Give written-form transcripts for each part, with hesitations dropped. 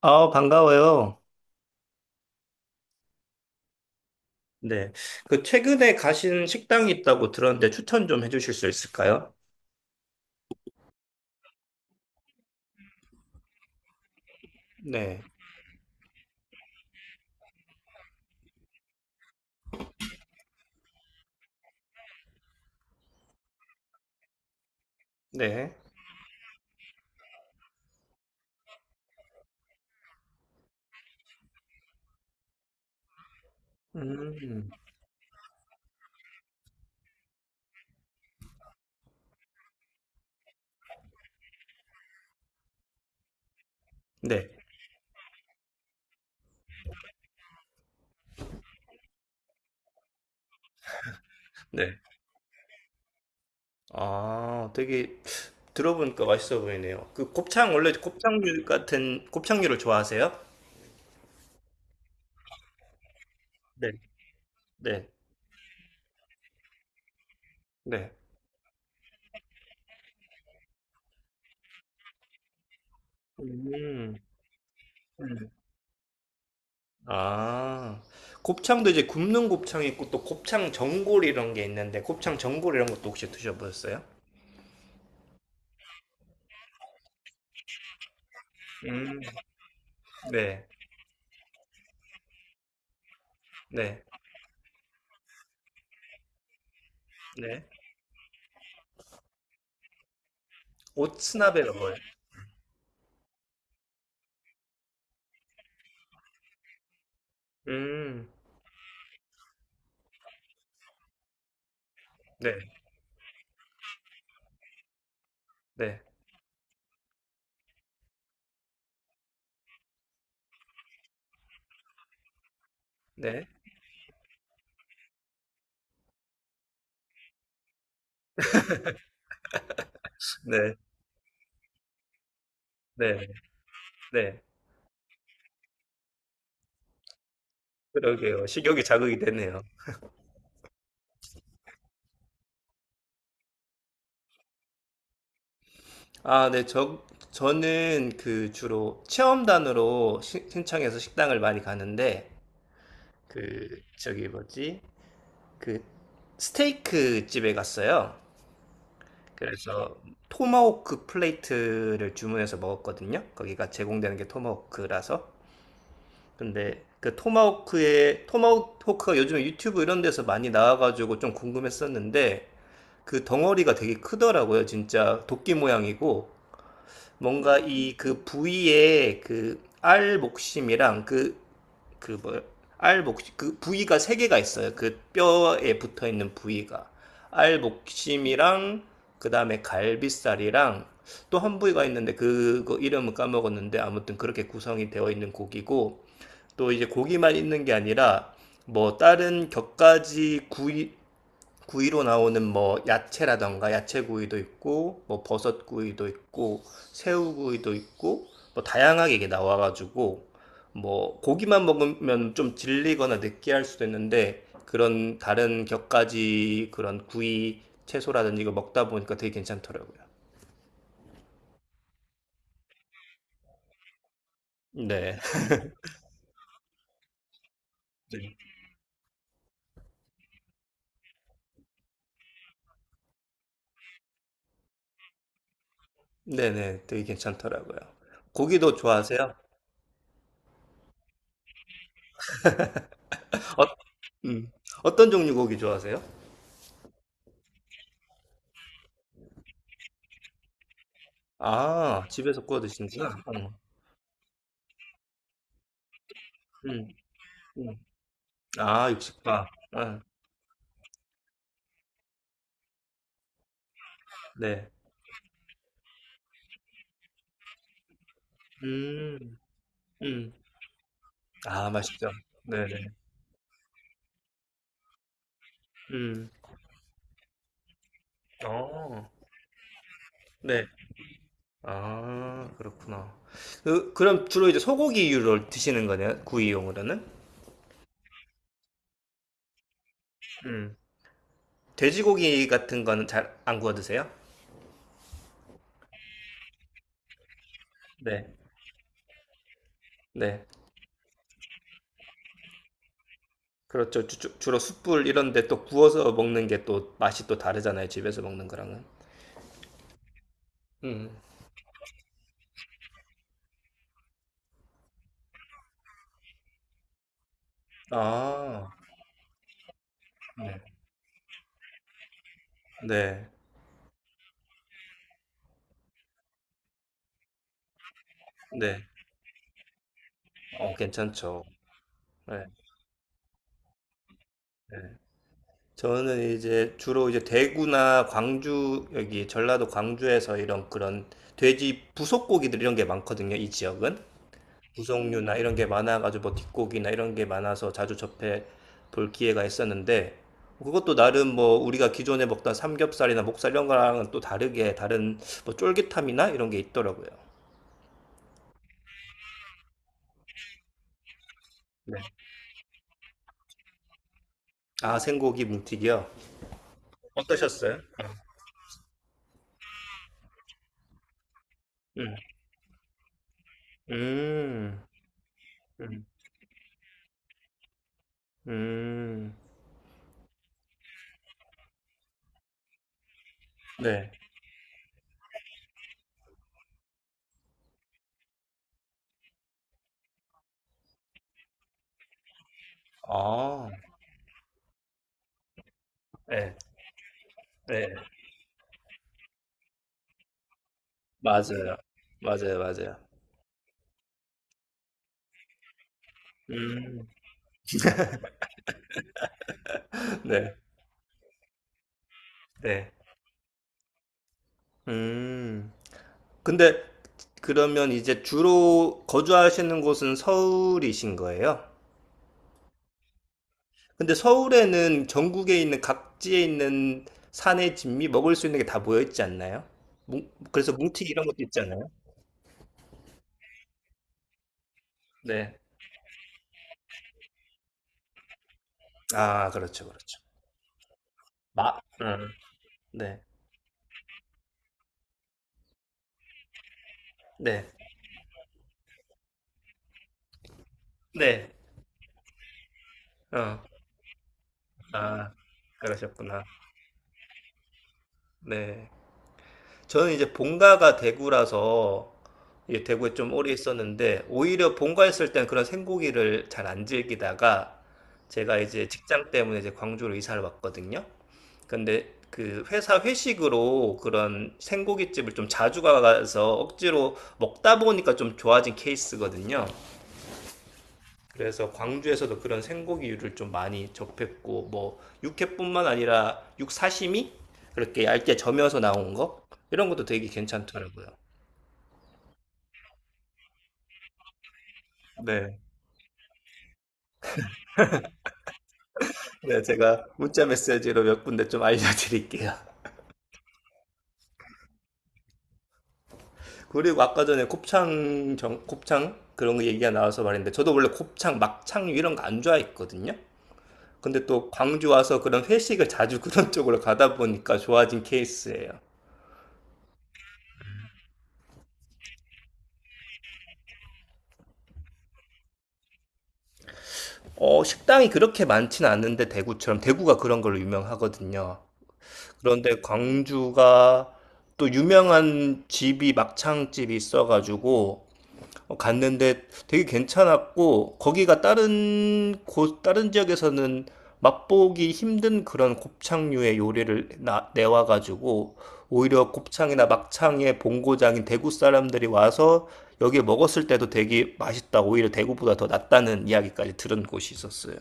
아, 반가워요. 네. 그 최근에 가신 식당이 있다고 들었는데 추천 좀 해주실 수 있을까요? 네. 네. 음. 네. 네. 아, 되게 들어보니까 맛있어 보이네요. 그 곱창, 원래 곱창류 같은 곱창류를 좋아하세요? 네. 네. 네. 음. 음. 아, 곱창도 이제 굽는 곱창이 있고 또 곱창 전골 이런 게 있는데 곱창 전골 이런 것도 혹시 드셔보셨어요? 음. 네. 네. 네. 오츠나베가 뭐예요? 음, 네, 네, 네, 네, 네, 네. 그러게요. 식욕이 자극이 되네요. 아, 네, 저는 그 주로 체험단으로 신청해서 식당을 많이 가는데, 그, 저기 뭐지? 그, 스테이크 집에 갔어요. 그래서 토마호크 플레이트를 주문해서 먹었거든요. 거기가 제공되는 게 토마호크라서. 근데 그 토마호크의 토마호크가 요즘에 유튜브 이런 데서 많이 나와가지고 좀 궁금했었는데 그 덩어리가 되게 크더라고요. 진짜 도끼 모양이고 뭔가 이 그 부위에 그 알 목심이랑 그 그뭐알 목심 그 부위가 세 개가 있어요. 그 뼈에 붙어 있는 부위가 알 목심이랑 그 다음에 갈비살이랑 또 한 부위가 있는데 그거 이름은 까먹었는데 아무튼 그렇게 구성이 되어 있는 고기고 또 이제 고기만 있는 게 아니라 뭐 다른 곁가지 구이로 나오는 뭐 야채라던가 야채 구이도 있고 뭐 버섯 구이도 있고 새우 구이도 있고 뭐 다양하게 이게 나와가지고 뭐 고기만 먹으면 좀 질리거나 느끼할 수도 있는데 그런 다른 곁가지 그런 구이 채소라든지 이거 먹다 보니까 되게 괜찮더라고요. 네. 네. 네네. 되게 괜찮더라고요. 고기도 좋아하세요? 음. 어떤 종류 고기 좋아하세요? 아, 집에서 구워 드시는구나. 어. 음, 음. 아, 육식파. 아, 네. 음, 음. 아, 맛있죠. 네네. 음. 어, 네. 아, 그렇구나. 그럼 주로 이제 소고기류를 드시는 거네요? 구이용으로는? 음. 돼지고기 같은 거는 잘 안 구워 드세요? 네. 네. 그렇죠. 주로 숯불 이런 데 또 구워서 먹는 게 또 맛이 또 다르잖아요. 집에서 먹는 거랑은. 음. 아. 네. 네. 네. 어 괜찮죠. 네. 저는 네. 이제 주로 이제 대구나 광주 여기 전라도 광주에서 이런 그런 돼지 부속고기들 이런 게 많거든요, 이 지역은. 부속류나 이런 게 많아 가지고 뭐 뒷고기나 이런 게 많아서 자주 접해 볼 기회가 있었는데 그것도 나름 뭐 우리가 기존에 먹던 삼겹살이나 목살 이런 거랑은 또 다르게 다른 뭐 쫄깃함이나 이런 게 있더라고요. 네. 아, 생고기 뭉티기요? 어떠셨어요? 음. 음, 음, 음. 네. 아, 네, 네, 맞아요. 맞아요, 맞아요. 음, 네. 네. 음. 근데 그러면 이제 주로 거주하시는 곳은 서울이신 거예요? 근데 서울에는 전국에 있는 각지에 있는 산의 진미 먹을 수 있는 게 다 모여 있지 않나요? 그래서 뭉티 이런 것도 있잖아요. 네. 아, 그렇죠, 그렇죠. 마, 네, 네, 네, 어. 아, 그러셨구나. 네. 저는 이제 본가가 대구라서 예, 대구에 좀 오래 있었는데 오히려 본가에 있을 땐 그런 생고기를 잘 안 즐기다가 제가 이제 직장 때문에 이제 광주로 이사를 왔거든요. 근데 그 회사 회식으로 그런 생고깃집을 좀 자주 가서 억지로 먹다 보니까 좀 좋아진 케이스거든요. 그래서 광주에서도 그런 생고기류를 좀 많이 접했고 뭐 육회뿐만 아니라 육사시미 그렇게 얇게 점여서 나온 거 이런 것도 되게 괜찮더라고요. 네. 네, 제가 문자 메시지로 몇 군데 좀 알려드릴게요. 그리고 아까 전에 곱창 곱창 그런 거 얘기가 나와서 말인데 저도 원래 곱창, 막창류 이런 거 안 좋아했거든요. 근데 또 광주 와서 그런 회식을 자주 그런 쪽으로 가다 보니까 좋아진 케이스예요. 어, 식당이 그렇게 많지는 않는데 대구처럼 대구가 그런 걸로 유명하거든요. 그런데 광주가 또 유명한 집이 막창집이 있어가지고 어, 갔는데 되게 괜찮았고 거기가 다른 곳 다른 지역에서는 맛보기 힘든 그런 곱창류의 요리를 내와가지고 오히려 곱창이나 막창의 본고장인 대구 사람들이 와서 여기에 먹었을 때도 되게 맛있다 오히려 대구보다 더 낫다는 이야기까지 들은 곳이 있었어요.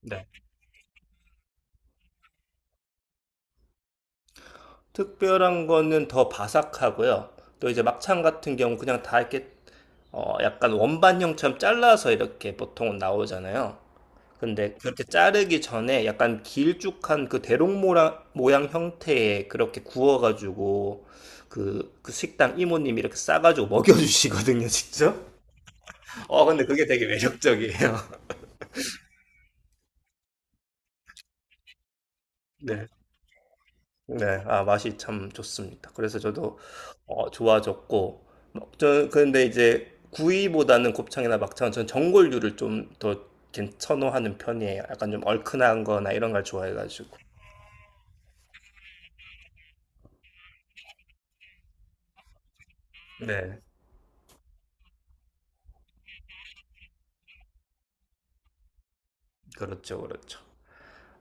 네. 특별한 거는 더 바삭하고요. 또 이제 막창 같은 경우 그냥 다 이렇게 어, 약간 원반형처럼 잘라서 이렇게 보통은 나오잖아요. 근데 그렇게 자르기 전에 약간 길쭉한 그 대롱 모양, 형태의 그렇게 구워가지고 그 식당 이모님이 이렇게 싸가지고 먹여주시거든요, 직접. 어, 근데 그게 되게 매력적이에요. 네. 네, 아, 맛이 참 좋습니다. 그래서 저도 어, 좋아졌고, 막 저, 근데 이제 구이보다는 곱창이나 막창은 전 전골류를 좀 더 선호하는 편이에요. 약간 좀 얼큰한 거나 이런 걸 좋아해가지고. 네, 그렇죠, 그렇죠.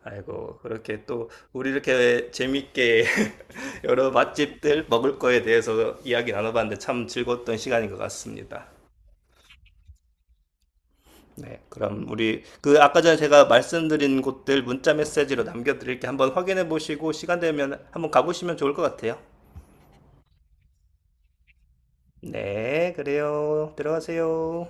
아이고, 그렇게 또 우리 이렇게 재밌게 여러 맛집들 먹을 거에 대해서 이야기 나눠봤는데 참 즐거웠던 시간인 것 같습니다. 네, 그럼 우리 그 아까 전에 제가 말씀드린 곳들 문자 메시지로 남겨드릴게 한번 확인해 보시고 시간 되면 한번 가보시면 좋을 것 같아요. 네, 그래요. 들어가세요.